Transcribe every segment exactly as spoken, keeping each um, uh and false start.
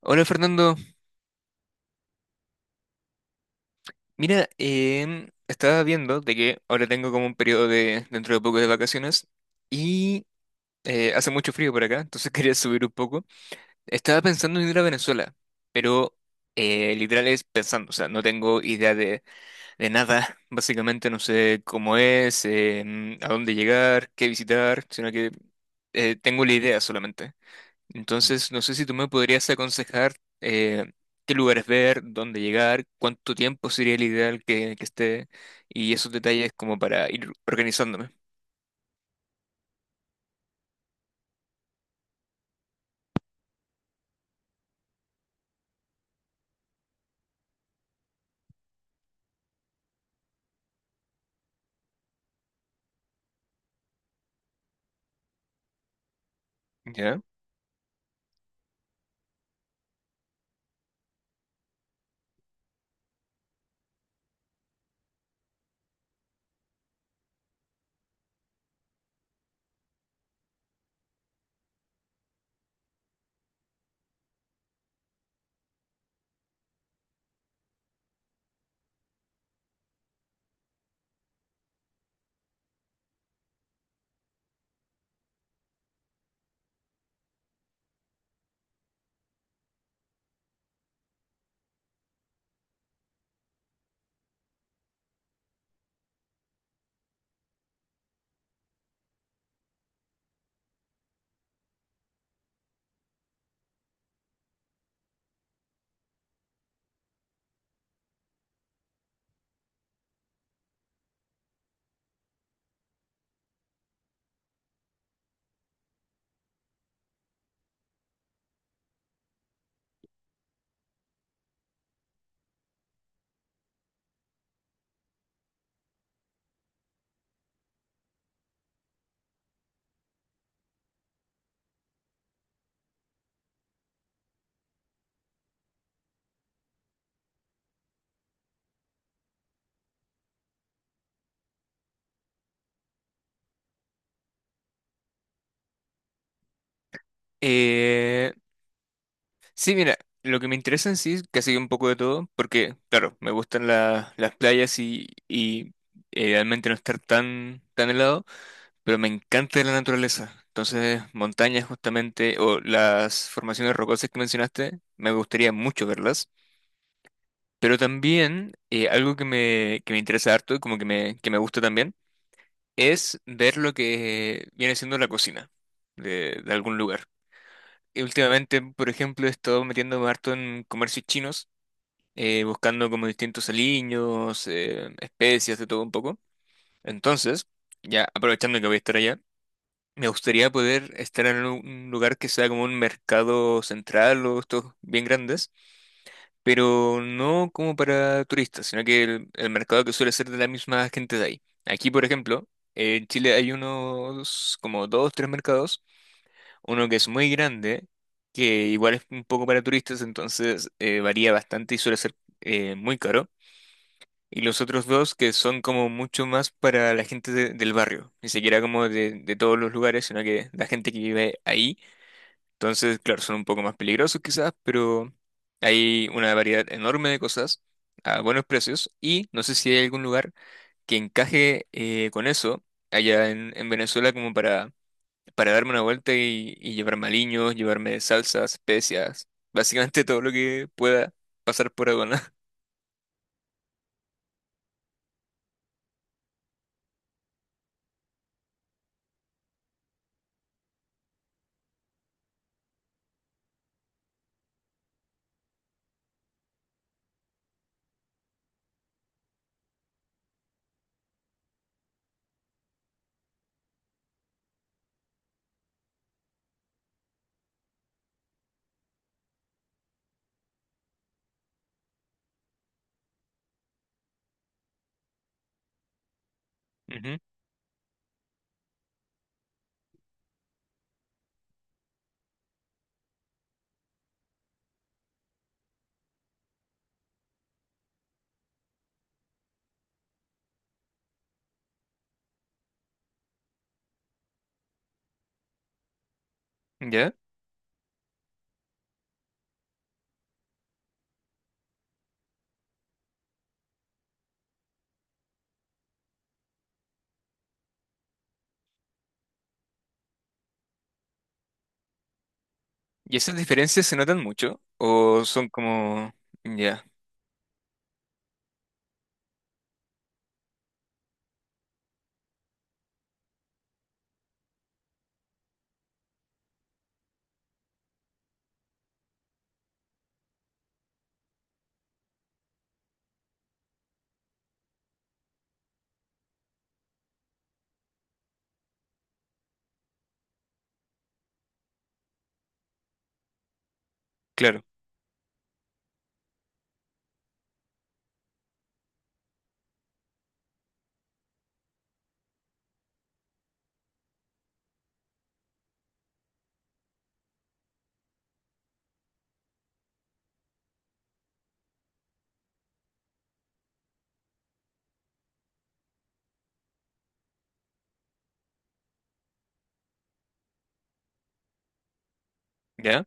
Hola Fernando, mira, em, estaba viendo de que ahora tengo como un periodo de dentro de poco de vacaciones y eh, hace mucho frío por acá, entonces quería subir un poco. Estaba pensando en ir a Venezuela, pero eh, literal es pensando, o sea, no tengo idea de, de nada, básicamente no sé cómo es, em, a dónde llegar, qué visitar, sino que eh, tengo la idea solamente. Entonces, no sé si tú me podrías aconsejar eh, qué lugares ver, dónde llegar, cuánto tiempo sería el ideal que, que esté y esos detalles como para ir organizándome. ¿Ya? Eh, sí, mira, lo que me interesa en sí es casi un poco de todo, porque, claro, me gustan la- las playas y, y eh, realmente no estar tan, tan helado, pero me encanta la naturaleza. Entonces, montañas justamente, o las formaciones rocosas que mencionaste, me gustaría mucho verlas. Pero también eh, algo que me, que me interesa harto y como que me, que me gusta también es ver lo que viene siendo la cocina de, de algún lugar. Y últimamente, por ejemplo, he estado metiéndome harto en comercios chinos, eh, buscando como distintos aliños, eh, especias, de todo un poco. Entonces, ya aprovechando que voy a estar allá, me gustaría poder estar en un un lugar que sea como un mercado central o estos bien grandes, pero no como para turistas, sino que el, el mercado que suele ser de la misma gente de ahí. Aquí, por ejemplo, en Chile hay unos como dos, tres mercados, uno que es muy grande, que igual es un poco para turistas, entonces eh, varía bastante y suele ser eh, muy caro. Y los otros dos que son como mucho más para la gente de- del barrio, ni siquiera como de, de todos los lugares, sino que la gente que vive ahí. Entonces, claro, son un poco más peligrosos quizás, pero hay una variedad enorme de cosas a buenos precios y no sé si hay algún lugar que encaje eh, con eso allá en, en Venezuela como para, para darme una vuelta y, y llevarme aliños, llevarme salsas, especias, básicamente todo lo que pueda pasar por aduana. Ujú. ¿Ya? ¿Y esas diferencias se notan mucho? ¿O son como... Ya, claro, ¿ya?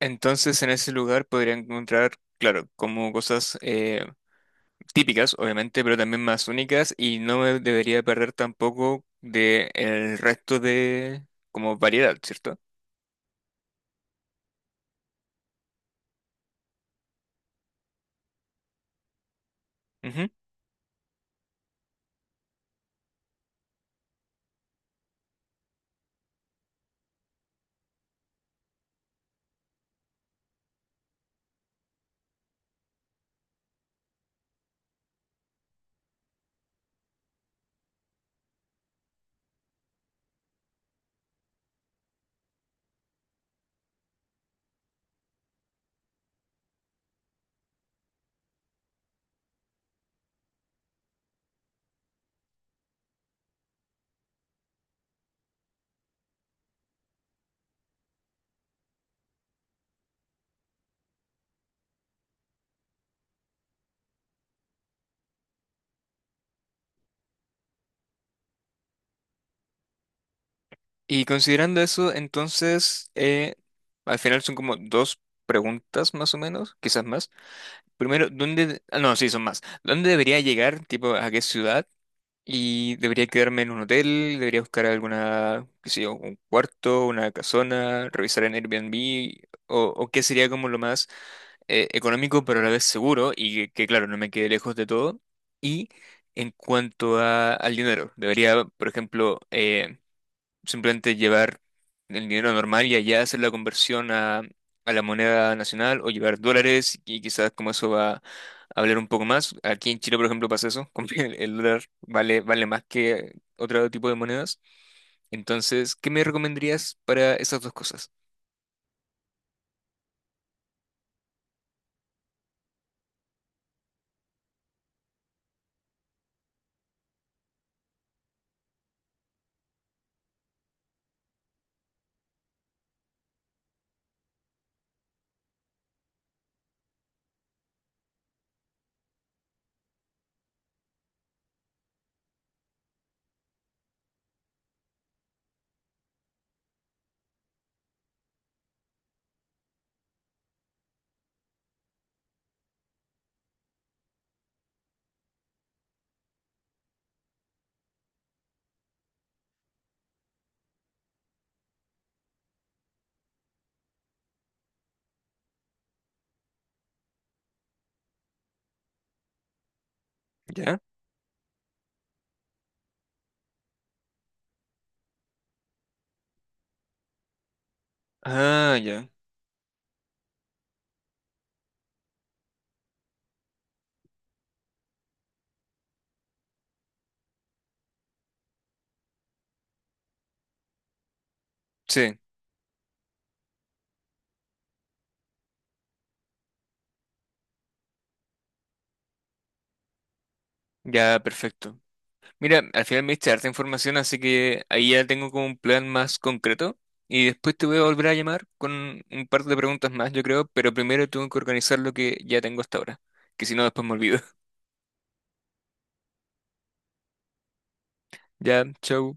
Entonces en ese lugar podría encontrar, claro, como cosas eh, típicas, obviamente, pero también más únicas y no me debería perder tampoco de el resto de como variedad, ¿cierto? Ujú. Y considerando eso, entonces, eh, al final son como dos preguntas más o menos, quizás más. Primero, ¿dónde? Ah, no, sí, son más. ¿Dónde debería llegar? Tipo, ¿a qué ciudad? Y debería quedarme en un hotel, debería buscar alguna, qué sé yo, un cuarto, una casona, revisar en Airbnb, o, o qué sería como lo más eh, económico, pero a la vez seguro y que, que, claro, no me quede lejos de todo. Y en cuanto a- al dinero, debería, por ejemplo, eh, simplemente llevar el dinero normal y allá hacer la conversión a, a la moneda nacional o llevar dólares y quizás como eso va a hablar un poco más. Aquí en Chile, por ejemplo, pasa eso, como que el, el dólar vale, vale más que otro tipo de monedas. Entonces, ¿qué me recomendarías para esas dos cosas? ¿Ya? Ah, ya. Sí, ya, perfecto. Mira, al final me diste harta información, así que ahí ya tengo como un plan más concreto. Y después te voy a volver a llamar con un par de preguntas más, yo creo, pero primero tengo que organizar lo que ya tengo hasta ahora, que si no después me olvido. Ya, chau.